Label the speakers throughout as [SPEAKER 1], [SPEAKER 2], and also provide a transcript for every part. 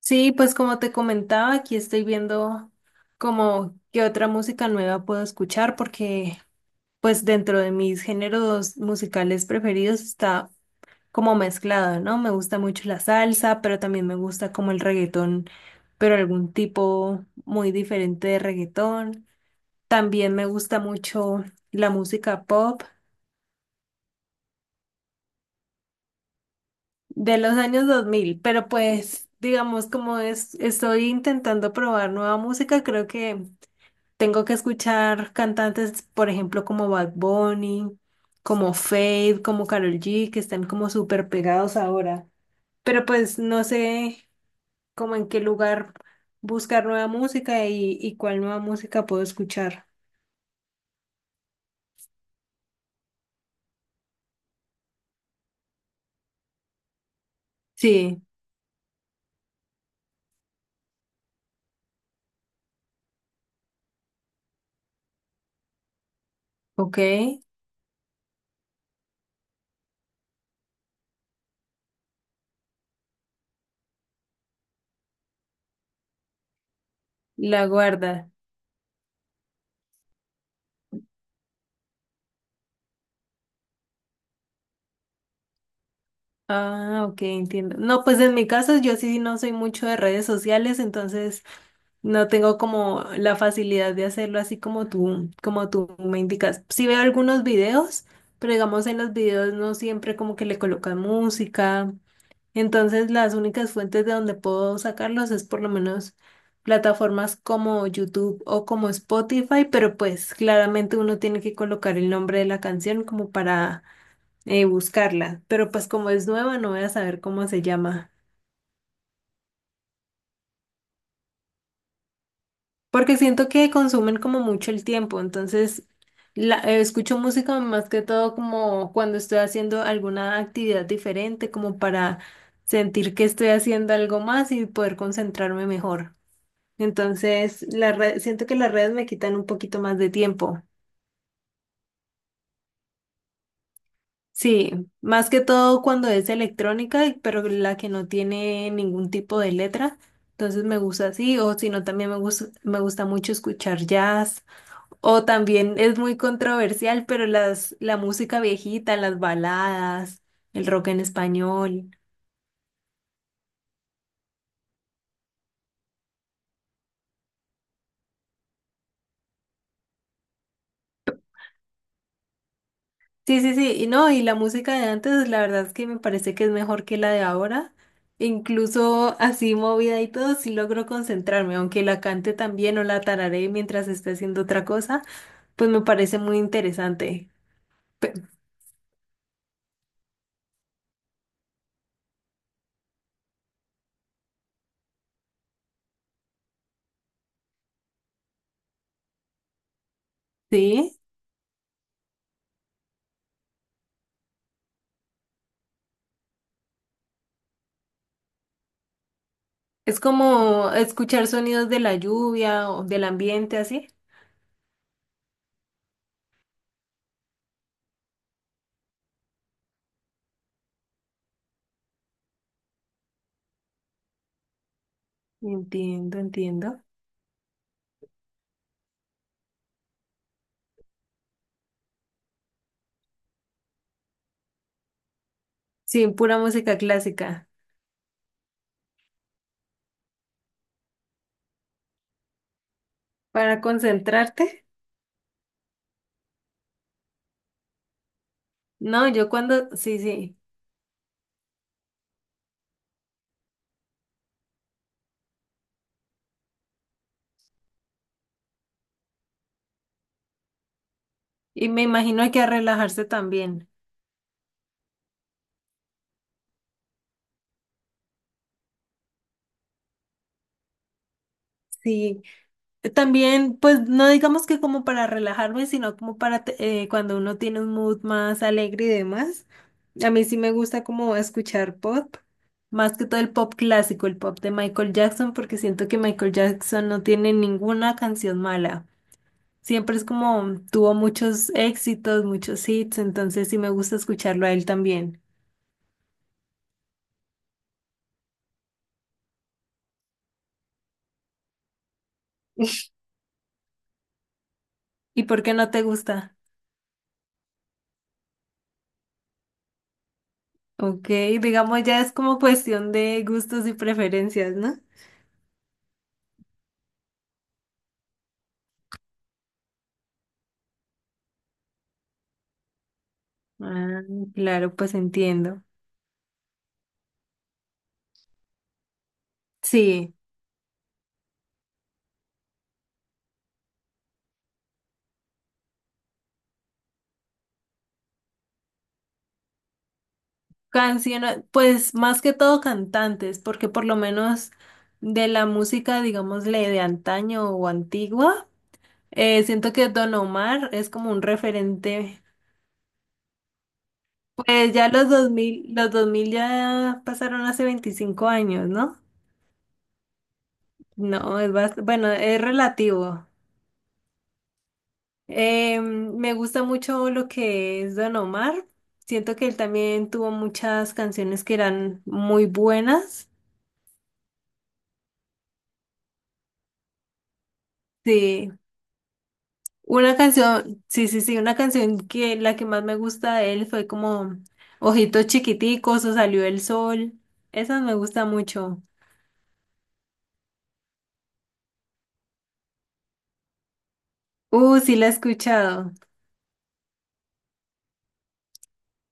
[SPEAKER 1] Sí, pues como te comentaba, aquí estoy viendo como qué otra música nueva puedo escuchar porque pues dentro de mis géneros musicales preferidos está como mezclado, ¿no? Me gusta mucho la salsa, pero también me gusta como el reggaetón, pero algún tipo muy diferente de reggaetón. También me gusta mucho la música pop de los años 2000, pero pues digamos como es, estoy intentando probar nueva música, creo que... Tengo que escuchar cantantes, por ejemplo, como Bad Bunny, como Fade, como Karol G, que están como súper pegados ahora. Pero pues no sé como en qué lugar buscar nueva música y cuál nueva música puedo escuchar. Sí, ok, la guarda. Ah, ok, entiendo. No, pues en mi caso yo sí no soy mucho de redes sociales, entonces no tengo como la facilidad de hacerlo así como tú me indicas. Sí veo algunos videos, pero digamos en los videos no siempre como que le colocan música. Entonces las únicas fuentes de donde puedo sacarlos es por lo menos plataformas como YouTube o como Spotify, pero pues claramente uno tiene que colocar el nombre de la canción como para buscarla, pero pues como es nueva no voy a saber cómo se llama, porque siento que consumen como mucho el tiempo, entonces escucho música más que todo como cuando estoy haciendo alguna actividad diferente, como para sentir que estoy haciendo algo más y poder concentrarme mejor. Entonces, la red, siento que las redes me quitan un poquito más de tiempo. Sí, más que todo cuando es electrónica, pero la que no tiene ningún tipo de letra. Entonces me gusta así, o si no, también me gusta mucho escuchar jazz. O también es muy controversial, pero las, la música viejita, las baladas, el rock en español. Sí, sí, sí, y no, y la música de antes, la verdad es que me parece que es mejor que la de ahora. Incluso así movida y todo, sí logro concentrarme, aunque la cante también o la tararé mientras esté haciendo otra cosa, pues me parece muy interesante. Pe- sí, es como escuchar sonidos de la lluvia o del ambiente, así. Entiendo, entiendo. Sí, pura música clásica. Para concentrarte, no, yo cuando, sí, sí, y me imagino que a relajarse también. Sí, también, pues no digamos que como para relajarme, sino como para te- cuando uno tiene un mood más alegre y demás. A mí sí me gusta como escuchar pop, más que todo el pop clásico, el pop de Michael Jackson, porque siento que Michael Jackson no tiene ninguna canción mala. Siempre es como tuvo muchos éxitos, muchos hits, entonces sí me gusta escucharlo a él también. ¿Y por qué no te gusta? Ok, digamos ya es como cuestión de gustos y preferencias, ¿no? Ah, claro, pues entiendo. Sí, canciones, pues más que todo cantantes, porque por lo menos de la música, digámosle, de antaño o antigua, siento que Don Omar es como un referente. Pues ya los 2000 ya pasaron hace 25 años, ¿no? No, es bast- bueno, es relativo. Me gusta mucho lo que es Don Omar. Siento que él también tuvo muchas canciones que eran muy buenas. Sí, una canción, sí, sí, sí, una canción que la que más me gusta de él fue como Ojitos Chiquiticos o Salió el Sol. Esa me gusta mucho. Sí, la he escuchado.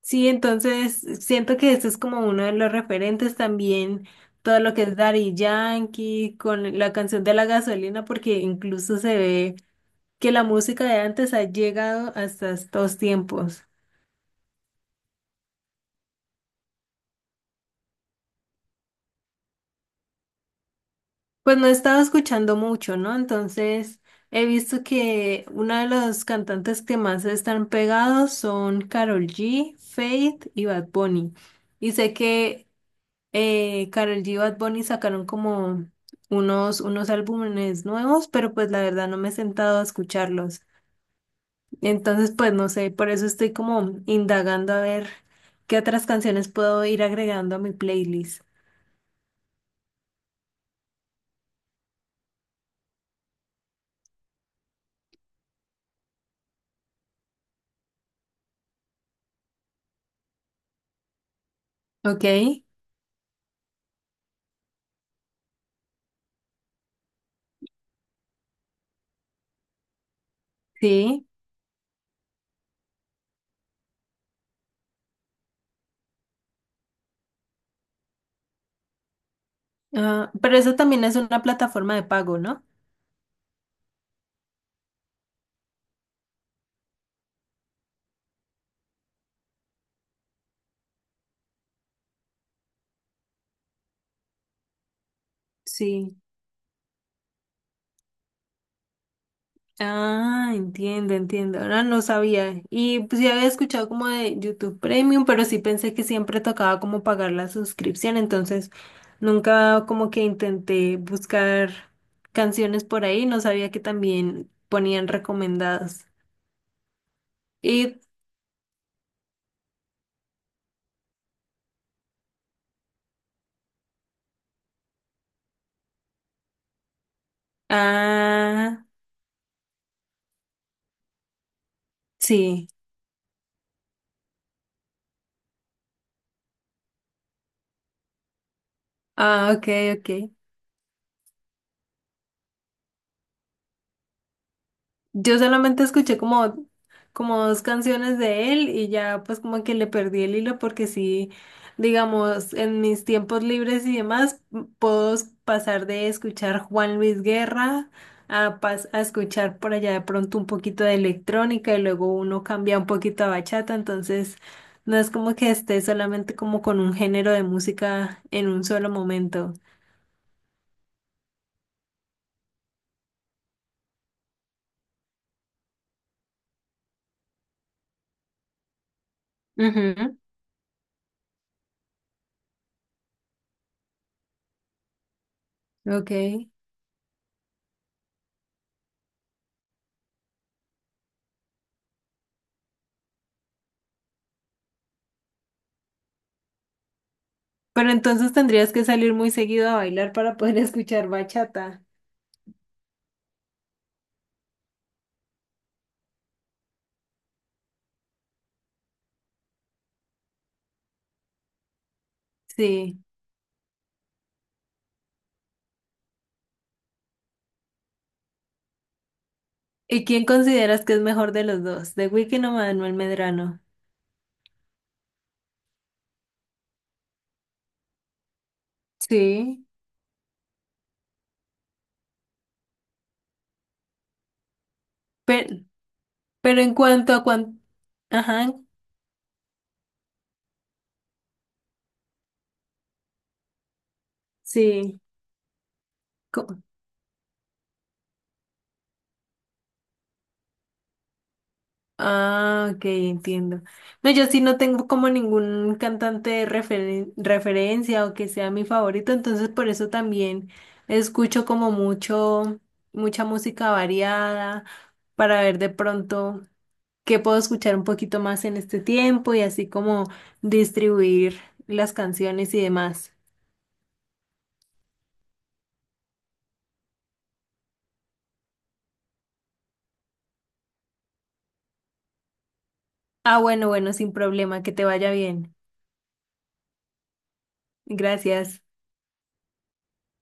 [SPEAKER 1] Sí, entonces siento que este es como uno de los referentes también, todo lo que es Daddy Yankee, con la canción de la gasolina, porque incluso se ve que la música de antes ha llegado hasta estos tiempos. Pues no he estado escuchando mucho, ¿no? Entonces he visto que una de los cantantes que más están pegados son Karol G, Faith y Bad Bunny. Y sé que Karol G y Bad Bunny sacaron como unos álbumes nuevos, pero pues la verdad no me he sentado a escucharlos. Entonces, pues no sé, por eso estoy como indagando a ver qué otras canciones puedo ir agregando a mi playlist. Ok, sí. Ah, pero eso también es una plataforma de pago, ¿no? Sí. Ah, entiendo, entiendo. Ahora no sabía. Y pues ya había escuchado como de YouTube Premium, pero sí pensé que siempre tocaba como pagar la suscripción, entonces nunca como que intenté buscar canciones por ahí, no sabía que también ponían recomendadas. Y ah, sí. Ah, ok, ok. Yo solamente escuché como, como dos canciones de él y ya pues como que le perdí el hilo porque sí, digamos, en mis tiempos libres y demás, m- puedo s- pasar de escuchar Juan Luis Guerra a, pas- a escuchar por allá de pronto un poquito de electrónica y luego uno cambia un poquito a bachata, entonces no es como que esté solamente como con un género de música en un solo momento. Ujú, ok. Pero entonces tendrías que salir muy seguido a bailar para poder escuchar bachata. Sí. ¿Y quién consideras que es mejor de los dos? ¿The Weeknd o Manuel Medrano? Sí. Pero, pero en cuanto a cuánto... Ajá, sí. Co- Ah, ok, entiendo. No, yo sí no tengo como ningún cantante de referencia o que sea mi favorito, entonces por eso también escucho como mucho, mucha música variada para ver de pronto qué puedo escuchar un poquito más en este tiempo y así como distribuir las canciones y demás. Ah, bueno, bueno, sin problema, que te vaya bien. Gracias.